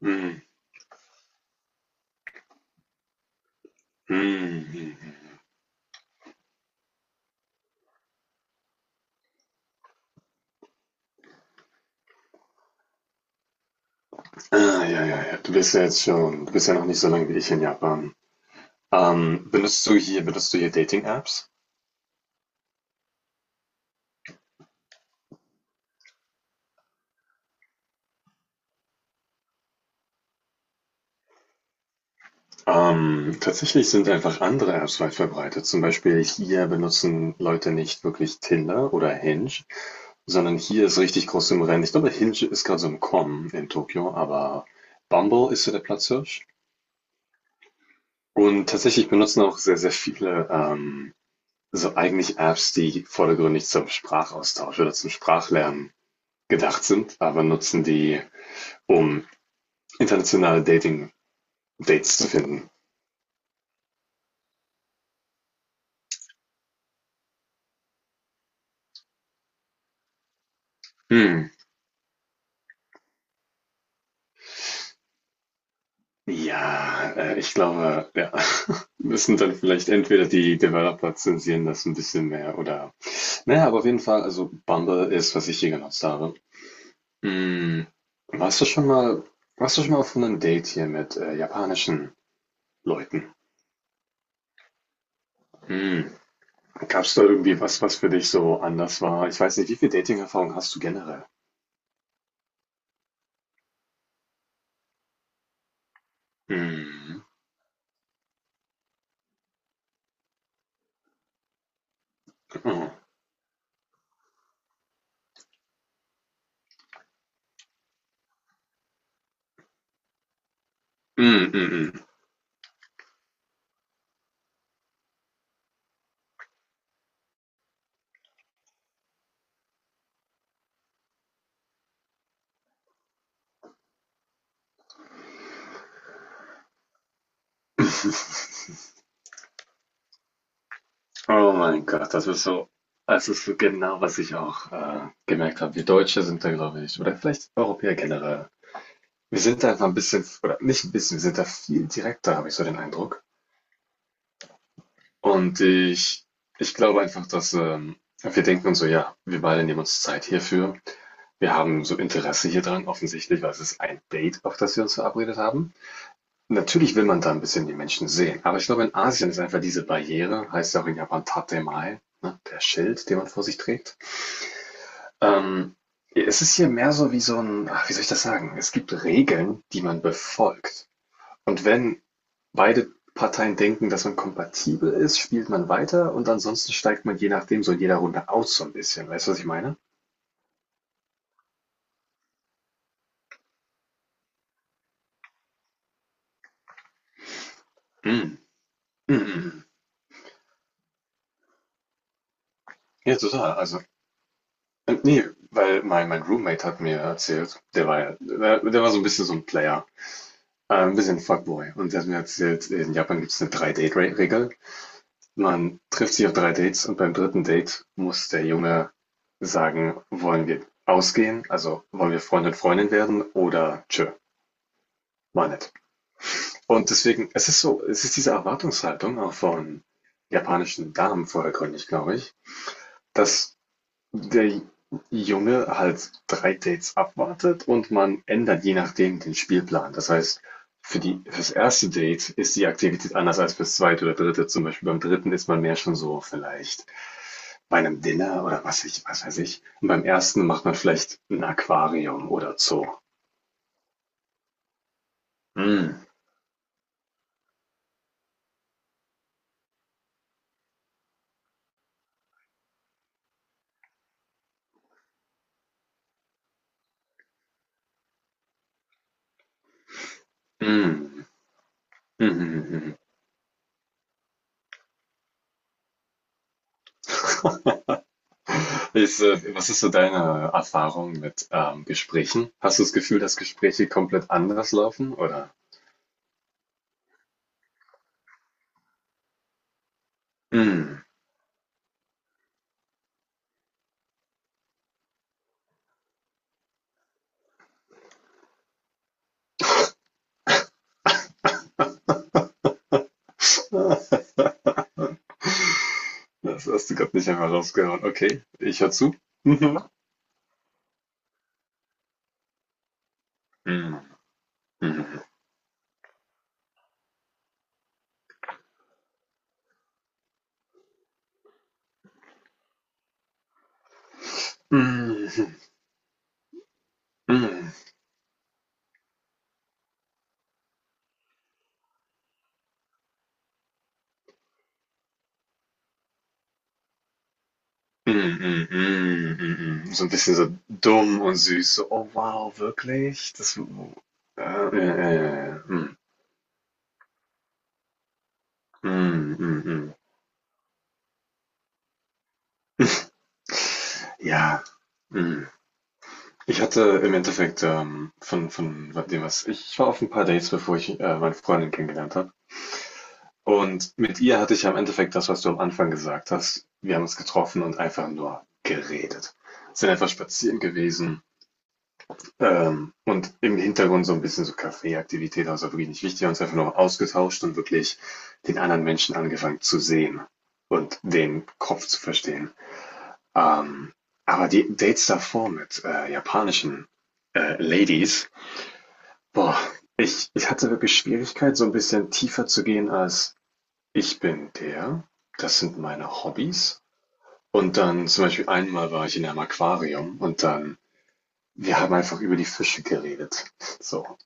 Mhm. Mhm. Ah, ja, ja, ja. Du bist ja noch nicht so lange wie ich in Japan. Benutzt du hier Dating-Apps? Tatsächlich sind einfach andere Apps weit verbreitet. Zum Beispiel hier benutzen Leute nicht wirklich Tinder oder Hinge, sondern hier ist richtig groß im Rennen. Ich glaube, Hinge ist gerade so im Kommen in Tokio, aber Bumble ist so der Platzhirsch. Und tatsächlich benutzen auch sehr, sehr viele so eigentlich Apps, die vordergründig zum Sprachaustausch oder zum Sprachlernen gedacht sind, aber nutzen die, um internationale Dating-Dates zu finden. Hm. Ja, ich glaube, ja, müssen dann vielleicht entweder die Developer zensieren das ein bisschen mehr, oder naja, aber auf jeden Fall, also Bumble ist, was ich hier genutzt habe. Hm. Warst du schon mal, Warst du schon mal auf einem Date hier mit japanischen Leuten? Hm. Gab es da irgendwie was, was für dich so anders war? Ich weiß nicht, wie viel Dating-Erfahrung hast du generell? Hm. Oh. Hm, hm, hm. Oh mein Gott, das ist so genau, was ich auch gemerkt habe. Wir Deutsche sind da, glaube ich, oder vielleicht Europäer generell. Wir sind da einfach ein bisschen, oder nicht ein bisschen, wir sind da viel direkter, habe ich so den Eindruck. Und ich glaube einfach, dass wir denken uns so, ja, wir beide nehmen uns Zeit hierfür. Wir haben so Interesse hier dran, offensichtlich, weil es ist ein Date, auf das wir uns verabredet haben. Natürlich will man da ein bisschen die Menschen sehen, aber ich glaube, in Asien ist einfach diese Barriere, heißt ja auch in Japan Tatemae, ne, der Schild, den man vor sich trägt. Ähm, Es ist hier mehr so wie so ein, ach, wie soll ich das sagen? Es gibt Regeln, die man befolgt. Und wenn beide Parteien denken, dass man kompatibel ist, spielt man weiter, und ansonsten steigt man je nachdem so in jeder Runde aus so ein bisschen. Weißt du, was ich meine? Mm. Mm. Mm. Ja, total. Also, nee, weil mein Roommate hat mir erzählt, der war so ein bisschen so ein Player, ein bisschen Fuckboy. Und der hat mir erzählt, in Japan gibt es eine 3-Date-Regel. Man trifft sich auf 3 Dates, und beim dritten Date muss der Junge sagen, wollen wir ausgehen, also wollen wir Freund und Freundin werden, oder tschö, mal nicht. Und deswegen, es ist so, es ist diese Erwartungshaltung auch von japanischen Damen vordergründig, glaube ich, dass der Junge halt 3 Dates abwartet, und man ändert je nachdem den Spielplan. Das heißt, fürs erste Date ist die Aktivität anders als fürs zweite oder dritte. Zum Beispiel beim dritten ist man mehr schon so vielleicht bei einem Dinner oder was ich, was weiß ich. Und beim ersten macht man vielleicht ein Aquarium oder Zoo. Mm, mm, mm, mm, mm. Was ist so deine Erfahrung mit Gesprächen? Hast du das Gefühl, dass Gespräche komplett anders laufen, oder? Mm. Ah. Das hast du gerade nicht einmal rausgehauen. Okay, ich hör zu. Mhm. Mhm. Mhm. Mhm. Mhm. Mhm. Mhm. Mhm. So ein bisschen so dumm und süß. So, oh wow, wirklich? Das, mm, mm, mm, mm. Ja, mm. Ich hatte im Endeffekt von, dem, was ich war auf ein paar Dates, bevor ich meine Freundin kennengelernt habe. Und mit ihr hatte ich am Endeffekt das, was du am Anfang gesagt hast. Wir haben uns getroffen und einfach nur geredet. Sind einfach spazieren gewesen, und im Hintergrund so ein bisschen so Kaffeeaktivität, also wirklich nicht wichtig, haben uns einfach nur ausgetauscht und wirklich den anderen Menschen angefangen zu sehen und den Kopf zu verstehen. Ähm, aber die Dates davor mit japanischen Ladies, boah, ich hatte wirklich Schwierigkeit, so ein bisschen tiefer zu gehen als ich bin der, das sind meine Hobbys, und dann zum Beispiel einmal war ich in einem Aquarium, und dann wir haben einfach über die Fische geredet. So.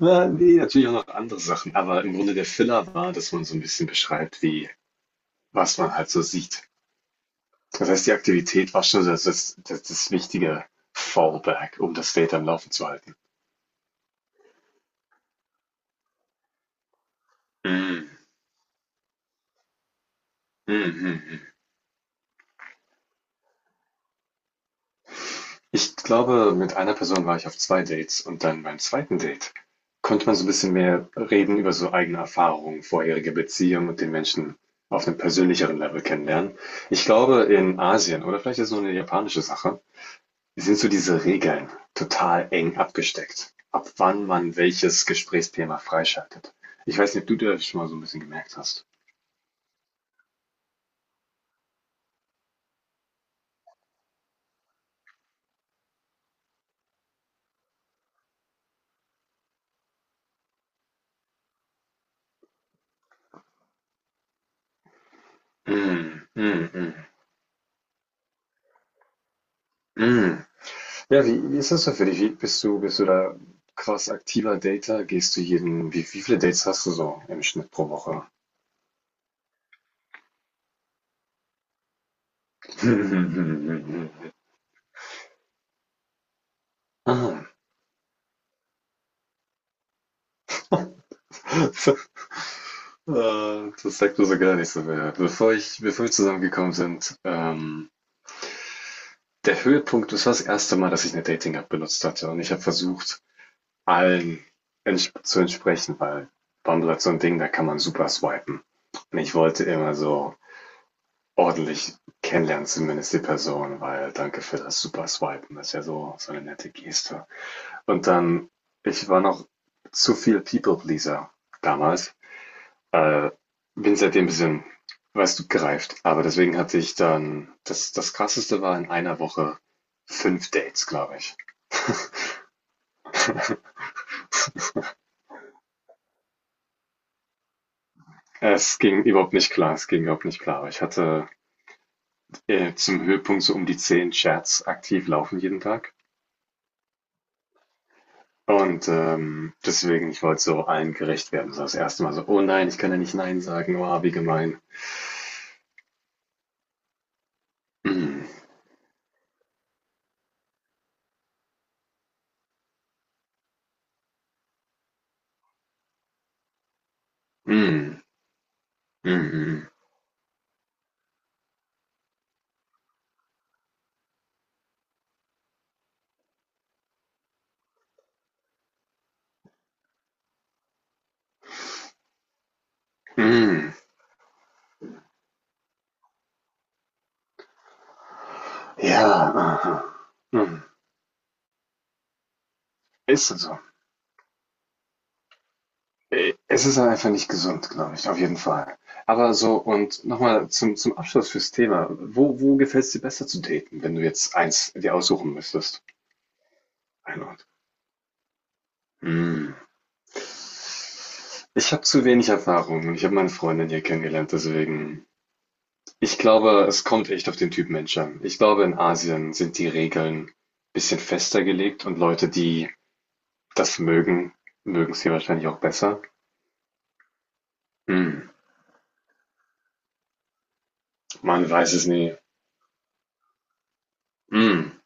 Na, nee, natürlich auch noch andere Sachen, aber im Grunde der Filler war, dass man so ein bisschen beschreibt, wie was man halt so sieht. Das heißt, die Aktivität war schon das wichtige Fallback, um das Data am Laufen zu halten. Mhm. Mhm. Ich glaube, mit einer Person war ich auf 2 Dates, und dann beim zweiten Date konnte man so ein bisschen mehr reden über so eigene Erfahrungen, vorherige Beziehungen und den Menschen auf einem persönlicheren Level kennenlernen. Ich glaube, in Asien, oder vielleicht ist es nur eine japanische Sache, sind so diese Regeln total eng abgesteckt, ab wann man welches Gesprächsthema freischaltet. Ich weiß nicht, ob du das schon mal so ein bisschen gemerkt hast. Mhm, mhm, mhm, mhm. Ja, wie ist das denn für dich? Bist du da krass aktiver Dater? Wie viele Dates hast du so im Schnitt pro Woche? Ah, das sagt mir so gar nicht so mehr. Bevor wir zusammengekommen sind, der Höhepunkt, das war das erste Mal, dass ich eine Dating-App benutzt hatte. Und ich habe versucht, allen ents zu entsprechen, weil Bumble hat so ein Ding, da kann man super swipen. Und ich wollte immer so ordentlich kennenlernen, zumindest die Person, weil danke für das super Swipen, das ist ja so, so eine nette Geste. Und dann, ich war noch zu viel People-Pleaser damals, bin seitdem ein bisschen, weißt du, gereift. Aber deswegen hatte ich dann, das krasseste war in einer Woche 5 Dates, glaube ich. Es ging überhaupt nicht klar, es ging überhaupt nicht klar. Ich hatte zum Höhepunkt so um die 10 Chats aktiv laufen jeden Tag. Und, deswegen, ich wollte so allen gerecht werden. Das erste Mal so: „Oh nein, ich kann ja nicht nein sagen. Oh, wie gemein." Mm, mm, mhm, mm. Mm. Ja, aha, mhm. Ist so. Es ist halt einfach nicht gesund, glaube ich, auf jeden Fall. Aber so, und nochmal zum Abschluss fürs Thema. Wo gefällt's dir besser zu daten, wenn du jetzt eins dir aussuchen müsstest? Ein Ort. Hm. Ich habe zu wenig Erfahrung, und ich habe meine Freundin hier kennengelernt, deswegen. Ich glaube, es kommt echt auf den Typ Mensch an. Ich glaube, in Asien sind die Regeln ein bisschen fester gelegt, und Leute, die das mögen, mögen es hier wahrscheinlich auch besser. Hm, man weiß es nie. Hm.